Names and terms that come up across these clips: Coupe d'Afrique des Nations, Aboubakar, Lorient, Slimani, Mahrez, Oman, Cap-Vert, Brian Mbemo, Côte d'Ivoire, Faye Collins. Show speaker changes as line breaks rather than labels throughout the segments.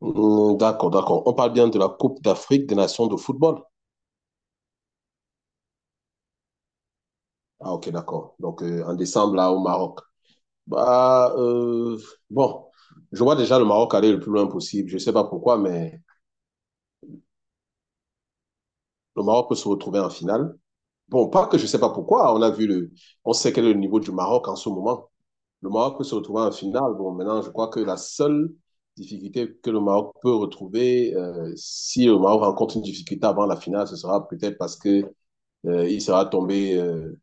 D'accord, d'accord. On parle bien de la Coupe d'Afrique des Nations de football. Ah, ok, d'accord. Donc, en décembre, là, au Maroc. Bah, bon, je vois déjà le Maroc aller le plus loin possible. Je ne sais pas pourquoi, mais le Maroc peut se retrouver en finale. Bon, pas que je ne sais pas pourquoi. On a vu le, on sait quel est le niveau du Maroc en ce moment. Le Maroc peut se retrouver en finale. Bon, maintenant, je crois que la seule difficulté que le Maroc peut retrouver, si le Maroc rencontre une difficulté avant la finale, ce sera peut-être parce que il sera tombé. euh,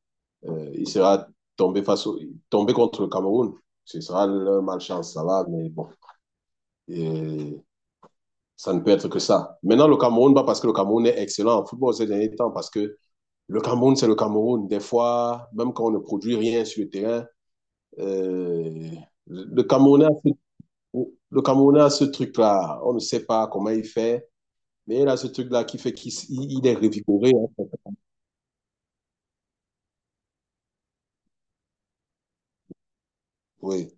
Euh, Il sera tombé face au, tombé contre le Cameroun. Ce sera leur malchance, ça va, mais bon. Et ça ne peut être que ça. Maintenant, le Cameroun, pas parce que le Cameroun est excellent en football ces derniers temps, parce que le Cameroun, c'est le Cameroun. Des fois, même quand on ne produit rien sur le terrain, euh, le Camerounais, le Camerounais a ce truc-là. On ne sait pas comment il fait, mais il a ce truc-là qui fait qu'il il est revigoré, hein. Oui.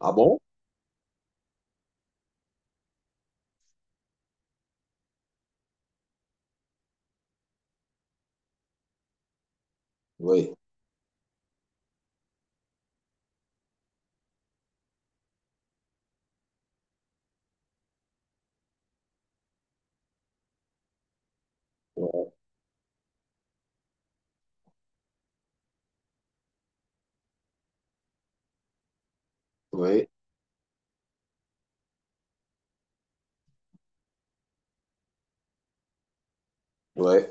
Ah bon? Oui. Oui. Oui. Oui.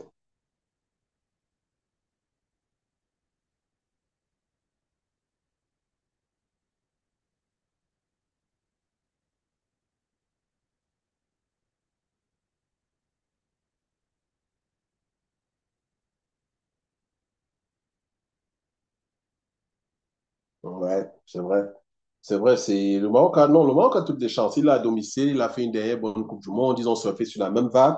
Ouais. C'est vrai. C'est vrai, c'est le Maroc a, non, le Maroc a toutes les chances. Il a à domicile, il a fait une dernière bonne Coupe du Monde. Ils ont surfé sur la même vague.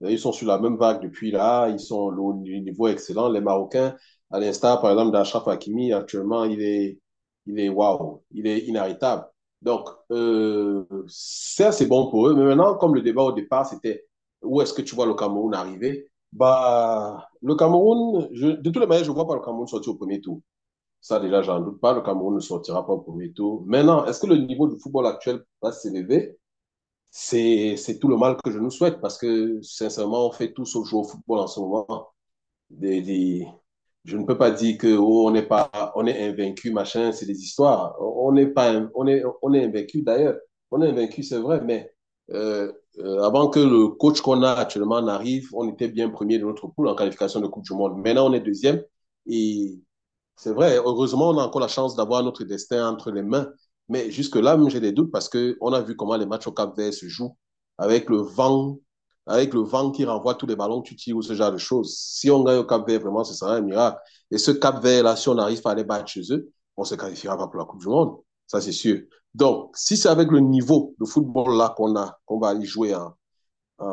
Ils sont sur la même vague depuis là. Ils sont au niveau excellent. Les Marocains, à l'instar, par exemple, d'Achraf Hakimi, actuellement, il est waouh, il est inarrêtable. Donc, ça, c'est bon pour eux. Mais maintenant, comme le débat au départ, c'était où est-ce que tu vois le Cameroun arriver? Bah, le Cameroun, de toutes les manières, je ne vois pas le Cameroun sortir au premier tour. Ça, déjà, j'en doute pas. Le Cameroun ne sortira pas au premier tour. Maintenant, est-ce que le niveau du football actuel va s'élever? C'est tout le mal que je nous souhaite parce que, sincèrement, on fait tout sauf jouer au football en ce moment. Des, des- Je ne peux pas dire que oh, on n'est pas, on est invaincu, machin, c'est des histoires. On n'est pas, on est invaincu d'ailleurs. On est invaincu, c'est vrai, mais euh, avant que le coach qu'on a actuellement n'arrive, on était bien premier de notre poule en qualification de Coupe du Monde. Maintenant, on est deuxième et c'est vrai, heureusement, on a encore la chance d'avoir notre destin entre les mains. Mais jusque-là, même, j'ai des doutes parce qu'on a vu comment les matchs au Cap-Vert se jouent avec le vent, avec le vent qui renvoie tous les ballons tu tires ou ce genre de choses. Si on gagne au Cap-Vert, vraiment, ce sera un miracle. Et ce Cap-Vert-là, si on arrive à les battre chez eux, on ne se qualifiera pas pour la Coupe du Monde. Ça, c'est sûr. Donc, si c'est avec le niveau de football-là qu'on a, qu'on va aller jouer en, euh,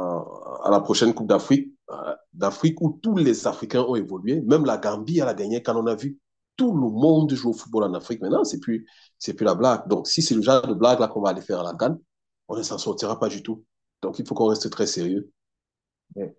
à la prochaine Coupe d'Afrique où tous les Africains ont évolué. Même la Gambie, à la dernière, quand on a vu tout le monde joue au football en Afrique maintenant, c'est plus la blague. Donc, si c'est le genre de blague là qu'on va aller faire à la CAN, on ne s'en sortira pas du tout. Donc, il faut qu'on reste très sérieux. Ouais.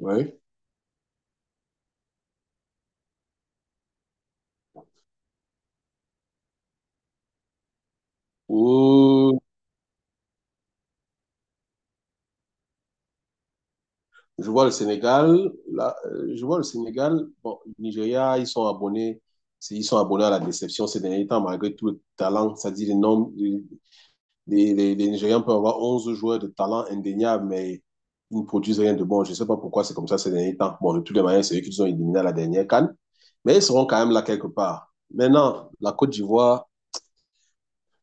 Ouais. Oh, je vois le Sénégal. Là, je vois le Sénégal. Bon, le Nigeria, ils sont abonnés. Ils sont abonnés à la déception ces derniers temps, malgré tout le talent, ça dit les noms, les Nigérians peuvent avoir 11 joueurs de talent indéniable, mais ils ne produisent rien de bon. Je ne sais pas pourquoi c'est comme ça ces derniers temps. Bon, de toutes les manières, c'est eux qui nous ont éliminés à la dernière canne, mais ils seront quand même là quelque part. Maintenant, la Côte d'Ivoire,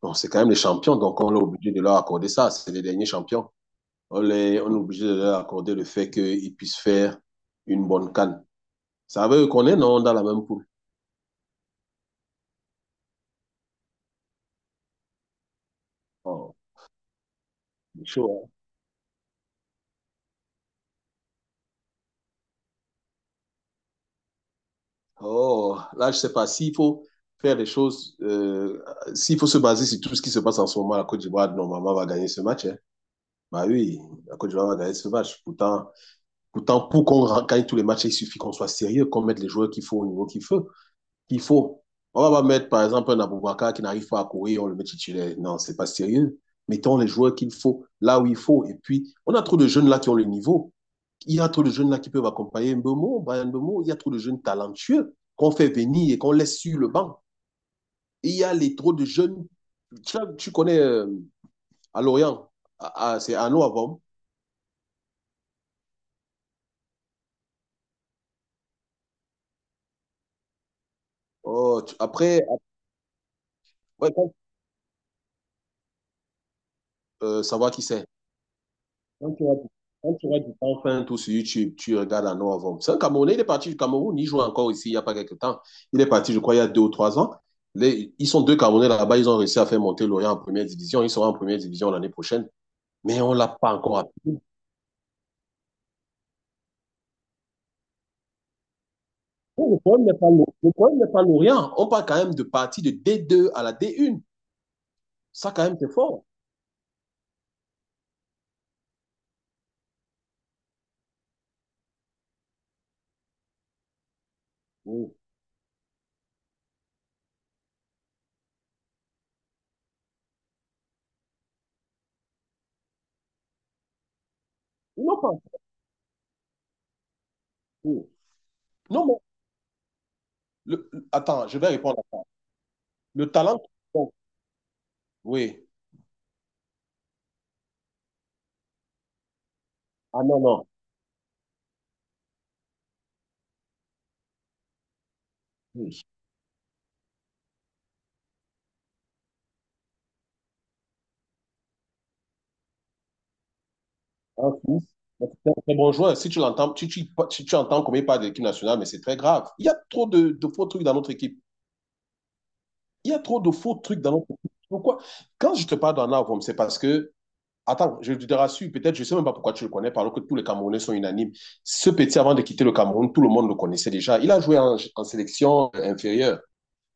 bon, c'est quand même les champions, donc on est obligé de leur accorder ça. C'est les derniers champions. On est obligé de leur accorder le fait qu'ils puissent faire une bonne canne. Ça veut qu'on est, non, dans la même poule. Oh, c'est chaud, hein. Oh, là, je sais pas s'il faut faire les choses, s'il faut se baser sur tout ce qui se passe en ce moment, la Côte d'Ivoire, normalement, va gagner ce match, hein. Bah oui, la Côte d'Ivoire va gagner ce match. Pourtant pour qu'on gagne tous les matchs, il suffit qu'on soit sérieux, qu'on mette les joueurs qu'il faut au niveau qu'il faut. Qu'il faut. On va pas mettre, par exemple, un Aboubakar qui n'arrive pas à courir, on le met titulaire. Non, c'est pas sérieux. Mettons les joueurs qu'il faut, là où il faut. Et puis, on a trop de jeunes là qui ont le niveau. Il y a trop de jeunes là qui peuvent accompagner Mbemo, Brian Mbemo, il y a trop de jeunes talentueux qu'on fait venir et qu'on laisse sur le banc. Et il y a les trop de jeunes, tu connais à Lorient, c'est à avant. Oh, après, après savoir qui c'est. Quand tu auras du temps, enfin, tout sur YouTube, tu regardes à avant. C'est un Camerounais, il est parti du Cameroun, il joue encore ici il n'y a pas quelque temps. Il est parti, je crois, il y a 2 ou 3 ans. Ils sont deux Camerounais là-bas, ils ont réussi à faire monter Lorient en première division. Ils seront en première division l'année prochaine, mais on ne l'a pas encore appris. Oui, le problème n'est pas, le problème n'est pas l'Orient. On parle quand même de partie de D2 à la D1. Ça, quand même, c'est fort. Oui. Ils n'ont pas. Oui. Non, mais attends, je vais répondre à ça. Le talent. Bon, oui. Ah non, non. Oui. Un fils, mais c'est un très bon joueur. Si tu l'entends, tu entends comme il parle de l'équipe nationale, mais c'est très grave. Il y a trop de faux trucs dans notre équipe. Il y a trop de faux trucs dans notre équipe. Pourquoi? Quand je te parle d'en avant, c'est parce que attends, je te rassure, peut-être, je ne sais même pas pourquoi tu le connais, alors que tous les Camerounais sont unanimes. Ce petit, avant de quitter le Cameroun, tout le monde le connaissait déjà. Il a joué en, en sélection inférieure.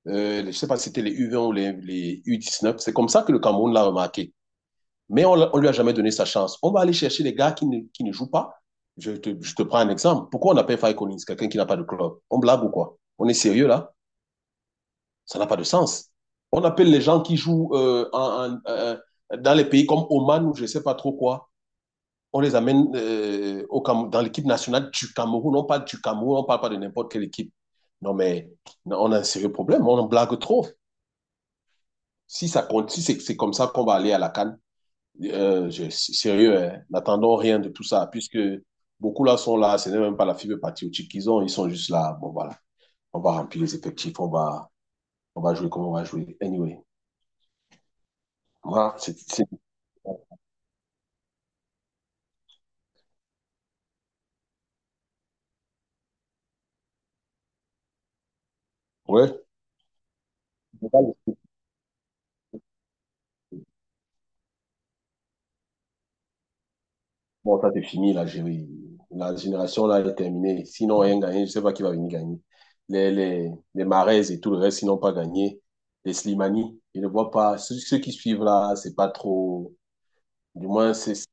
Je ne sais pas si c'était les U20 ou les U19. C'est comme ça que le Cameroun l'a remarqué. Mais on ne lui a jamais donné sa chance. On va aller chercher les gars qui ne jouent pas. Je te prends un exemple. Pourquoi on appelle Faye Collins quelqu'un qui n'a pas de club? On blague ou quoi? On est sérieux là? Ça n'a pas de sens. On appelle les gens qui jouent dans les pays comme Oman ou je ne sais pas trop quoi, on les amène au dans l'équipe nationale du Cameroun. On parle du Cameroun, on ne parle pas de n'importe quelle équipe. Non, mais on a un sérieux problème, on en blague trop. Si ça continue, c'est comme ça qu'on va aller à la CAN. Sérieux, hein, n'attendons rien de tout ça, puisque beaucoup là sont là, ce n'est même pas la fibre patriotique qu'ils ont, ils sont juste là. Bon, voilà, on va remplir les effectifs, on va jouer comme on va jouer. Anyway, voilà, ouais. Bon, ça c'est fini, l'Algérie. La génération là est terminée. Sinon, rien gagné, je ne sais pas qui va venir gagner. Les Mahrez et tout le reste, ils n'ont pas gagné. Les Slimani, ils ne voient pas. Ceux qui suivent là, c'est pas trop. Du moins, c'est. C'est-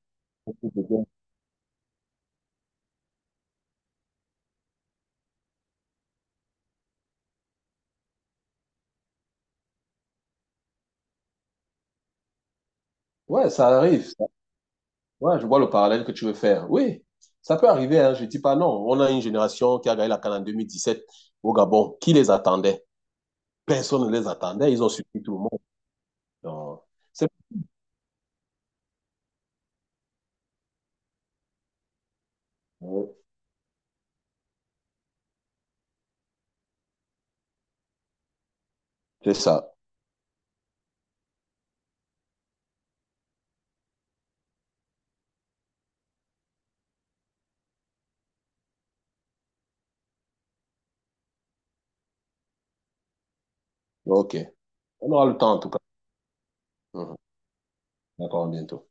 Ouais, ça arrive. Ça. Ouais, je vois le parallèle que tu veux faire. Oui, ça peut arriver, hein, je ne dis pas non. On a une génération qui a gagné la CAN en 2017 au Gabon. Qui les attendait? Personne ne les attendait. Ils ont surpris tout le monde. Donc, c'est c'est ça. OK. On aura le temps, en tout cas. Mhm. D'accord, à bientôt.